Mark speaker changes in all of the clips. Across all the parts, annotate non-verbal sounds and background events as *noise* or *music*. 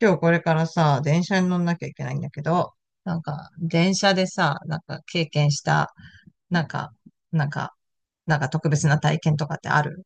Speaker 1: 今日これからさ、電車に乗んなきゃいけないんだけど、電車でさ、なんか経験した、なんか、なんか、なんか特別な体験とかってある？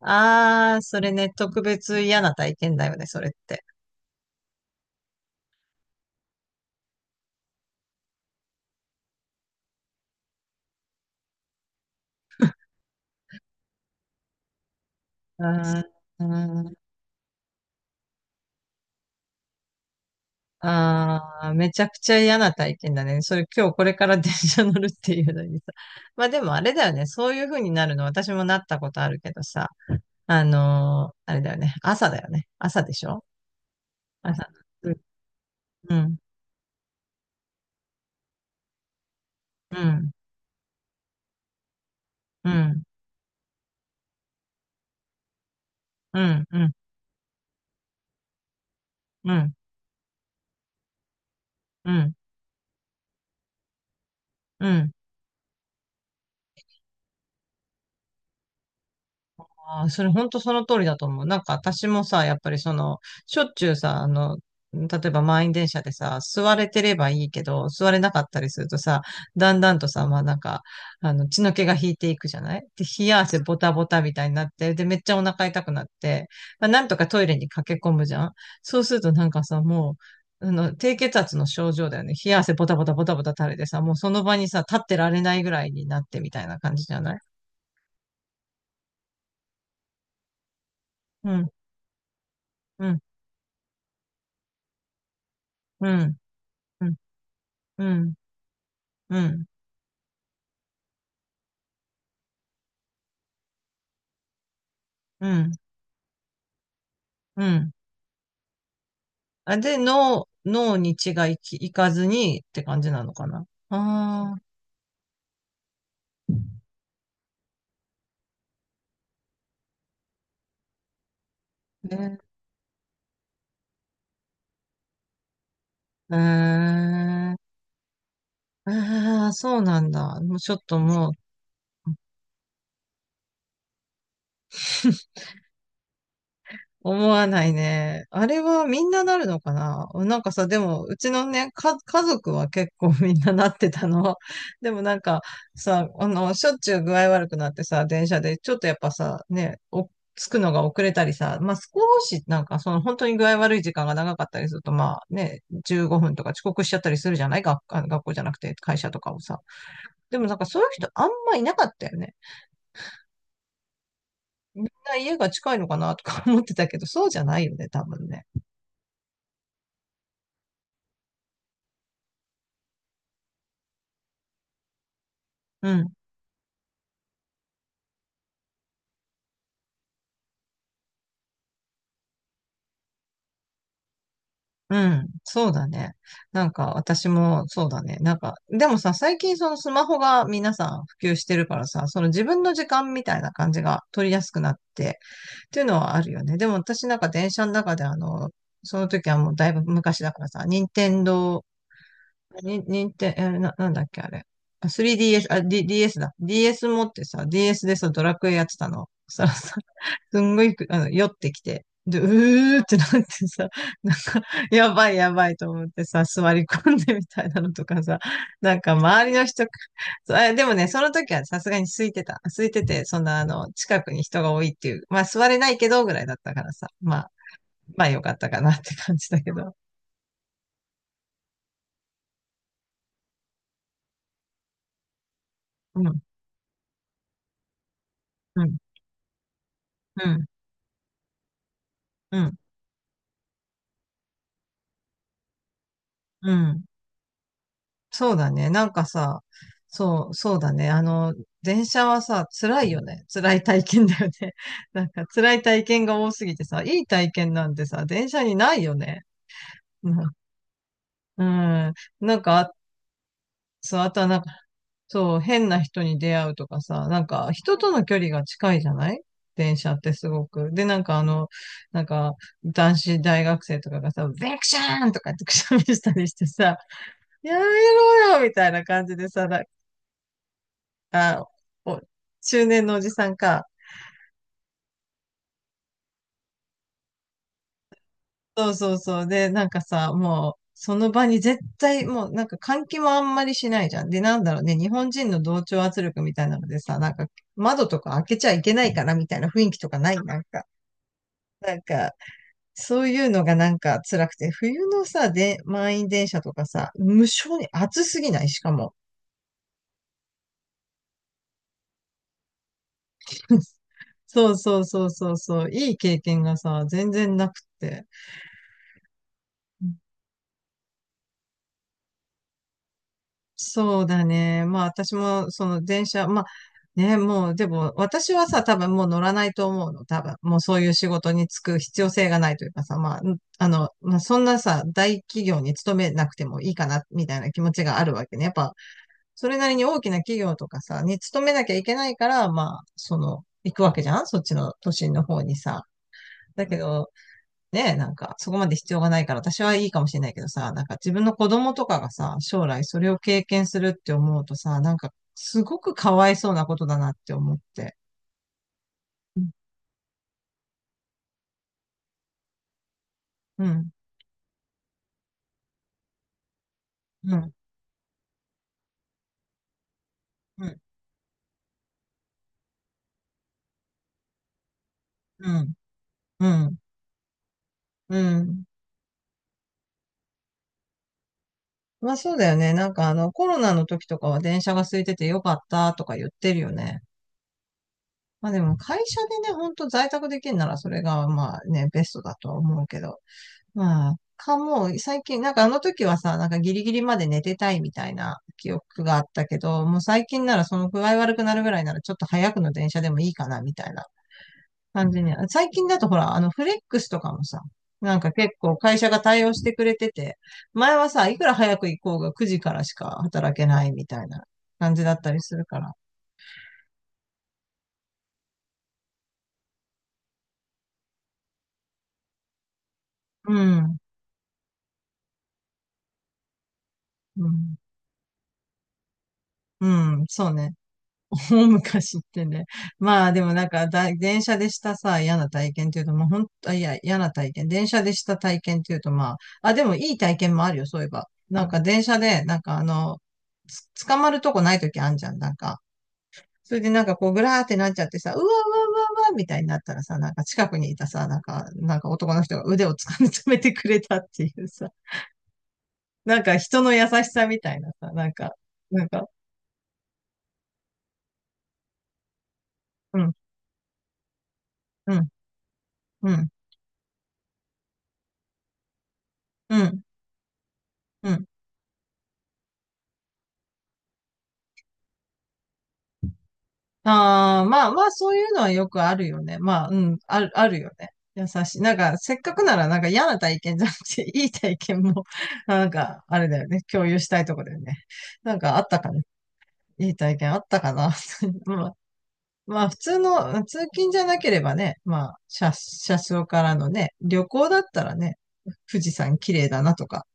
Speaker 1: あー、それね、特別嫌な体験だよね、それって。あーん、うーん。あーめちゃくちゃ嫌な体験だね。それ今日これから電車乗るっていうのにさ。まあでもあれだよね、そういう風になるの私もなったことあるけどさ、あれだよね、朝だよね。朝でしょ？朝。うん。うん、うん、うん、うん、うん、うん、うん。あー、それ本当その通りだと思う。なんか私もさ、やっぱりその、しょっちゅうさ、あの、例えば満員電車でさ、座れてればいいけど、座れなかったりするとさ、だんだんとさ、まあなんか、あの、血の気が引いていくじゃない？で、冷や汗ボタボタみたいになって、で、めっちゃお腹痛くなって、まあ、なんとかトイレに駆け込むじゃん。そうするとなんかさ、もう、あの、低血圧の症状だよね。冷や汗ボタボタボタボタ垂れてさ、もうその場にさ、立ってられないぐらいになってみたいな感じじゃない？うん、うん、うん。うん。うん、うん、うん、うん。あ、で、脳、脳に血が行き、行かずにって感じなのかな。ああ、ね。えー、ああ、そうなんだ。もうちょっともう。 *laughs* 思わないね。あれはみんななるのかな、なんかさ、でも、うちのね、か、家族は結構みんななってたの。*laughs* でもなんかさ、あの、しょっちゅう具合悪くなってさ、電車で、ちょっとやっぱさ、ね、お、着くのが遅れたりさ、まあ、少し、なんかその本当に具合悪い時間が長かったりすると、まあね、15分とか遅刻しちゃったりするじゃない？学、あの学校じゃなくて会社とかをさ。でもなんかそういう人あんまいなかったよね。みんな家が近いのかなとか思ってたけど、そうじゃないよね、多分ね。うん。うん、そうだね。なんか私もそうだね。なんか、でもさ、最近そのスマホが皆さん普及してるからさ、その自分の時間みたいな感じが取りやすくなって、っていうのはあるよね。でも私なんか電車の中であの、その時はもうだいぶ昔だからさ、任天堂、に、任天、えな、なんだっけあれ。あ 3DS、あ、D、DS だ。ディーエス持ってさ、DS でさ、ドラクエやってたの。そしたらさ、すんごいあの、酔ってきて、で、うーってなってさ、*laughs* なんか、やばいやばいと思ってさ、座り込んでみたいなのとかさ、*laughs* なんか周りの人。*laughs* そう、あでもね、その時はねさすがに空いてた。空いてて、そんな、あの、近くに人が多いっていう、まあ座れないけどぐらいだったからさ、まあ、まあよかったかなって感じだけど。うん、うん、うん、うん、うん。そうだね。なんかさ、そう、そうだね。あの、電車はさ、辛いよね。辛い体験だよね。*laughs* なんか辛い体験が多すぎてさ、いい体験なんてさ、電車にないよね。*laughs* うん。うん。なんか、あ、そう、あとはなんか、そう、変な人に出会うとかさ、なんか、人との距離が近いじゃない？電車って、すごく。で、なんかあの、なんか、男子大学生とかがさ、ベクシャーンとかってくしゃみしたりしてさ、やめろよみたいな感じでさ、あ、お、中年のおじさんか。そうそうそう。で、なんかさ、もう、その場に絶対、もう、なんか換気もあんまりしないじゃん。で、なんだろうね、日本人の同調圧力みたいなのでさ、なんか、窓とか開けちゃいけないからみたいな雰囲気とかない、なんか。なんか、そういうのがなんか辛くて、冬のさ、で、満員電車とかさ、無性に暑すぎない、しかも。*laughs* そうそうそうそうそう、いい経験がさ、全然なくって。そうだね。まあ私もその電車、まあね、もうでも私はさ、多分もう乗らないと思うの。多分もうそういう仕事に就く必要性がないというかさ、まあ、んあの、まあそんなさ、大企業に勤めなくてもいいかな、みたいな気持ちがあるわけね。やっぱ、それなりに大きな企業とかさ、に勤めなきゃいけないから、まあ、その、行くわけじゃん、そっちの都心の方にさ。だけど、ね、なんか、そこまで必要がないから私はいいかもしれないけどさ、なんか自分の子供とかがさ、将来それを経験するって思うとさ、なんか、すごくかわいそうなことだなって思って。うん、うん、うん、うん、うん、うん。まあそうだよね。なんかあの、コロナの時とかは電車が空いててよかったとか言ってるよね。まあでも会社でね、ほんと在宅できるならそれがまあね、ベストだとは思うけど。まあ、かもう、最近、なんかあの時はさ、なんかギリギリまで寝てたいみたいな記憶があったけど、もう最近ならその具合悪くなるぐらいならちょっと早くの電車でもいいかなみたいな感じに。最近だとほら、あのフレックスとかもさ、なんか結構会社が対応してくれてて、前はさ、いくら早く行こうが9時からしか働けないみたいな感じだったりするから。うん。うん。うん。そうね。*laughs* もう昔ってね。まあでもなんかだ、電車でしたさ、嫌な体験っていうと、まあ本当、いや、嫌な体験。電車でした体験っていうと、まあ、あ、でもいい体験もあるよ、そういえば。なんか電車で、なんかあの、つ捕まるとこないときあんじゃん、なんか。それでなんかこう、ぐらーってなっちゃってさ、うわうわうわうわみたいになったらさ、なんか近くにいたさ、なんか、なんか男の人が腕を掴み止めてくれたっていうさ、なんか人の優しさみたいなさ、なんか、なんか、うん、うん、うん、うん、うん。ああ、まあまあ、そういうのはよくあるよね。まあ、うん、ある、あるよね。優しい。なんか、せっかくなら、なんか嫌な体験じゃなくて、*laughs* いい体験も、*laughs* なんか、あれだよね。共有したいとこだよね。なんか、あったかな。いい体験あったかな。*laughs* まあ、まあ、普通の、通勤じゃなければね、まあ、車、車窓からのね、旅行だったらね、富士山綺麗だなとか、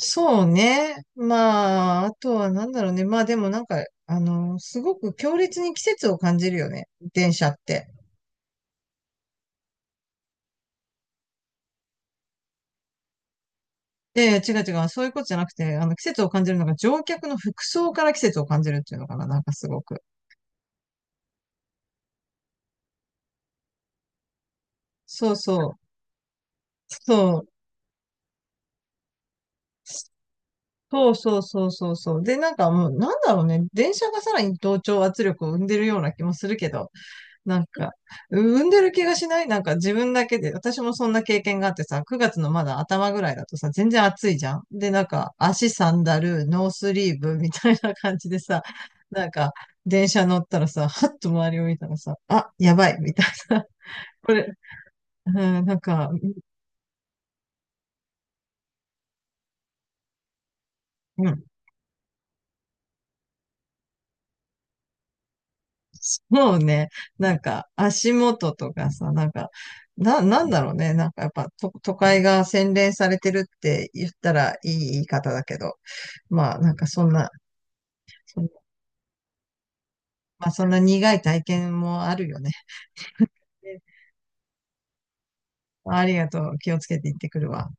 Speaker 1: そうね。まあ、あとはなんだろうね。まあでもなんか、あの、すごく強烈に季節を感じるよね。電車って。で、違う違う。そういうことじゃなくて、あの、季節を感じるのが乗客の服装から季節を感じるっていうのかな。なんかすごく。そうそう。そう。そうそうそうそうそう。で、なんかもう、なんだろうね。電車がさらに同調圧力を生んでるような気もするけど。なんか、産んでる気がしないなんか自分だけで、私もそんな経験があってさ、9月のまだ頭ぐらいだとさ、全然暑いじゃん。で、なんか、足サンダル、ノースリーブみたいな感じでさ、なんか、電車乗ったらさ、はっと周りを見たらさ、あ、やばい、みたいな。*laughs* これ、うん、なんか、うん、もうね、なんか、足元とかさ、なんか、な、なんだろうね。なんかやっぱと都会が洗練されてるって言ったらいい言い方だけど、まあなんかそんなそんまあ、そんな苦い体験もあるよね。ありがとう。気をつけて行ってくるわ。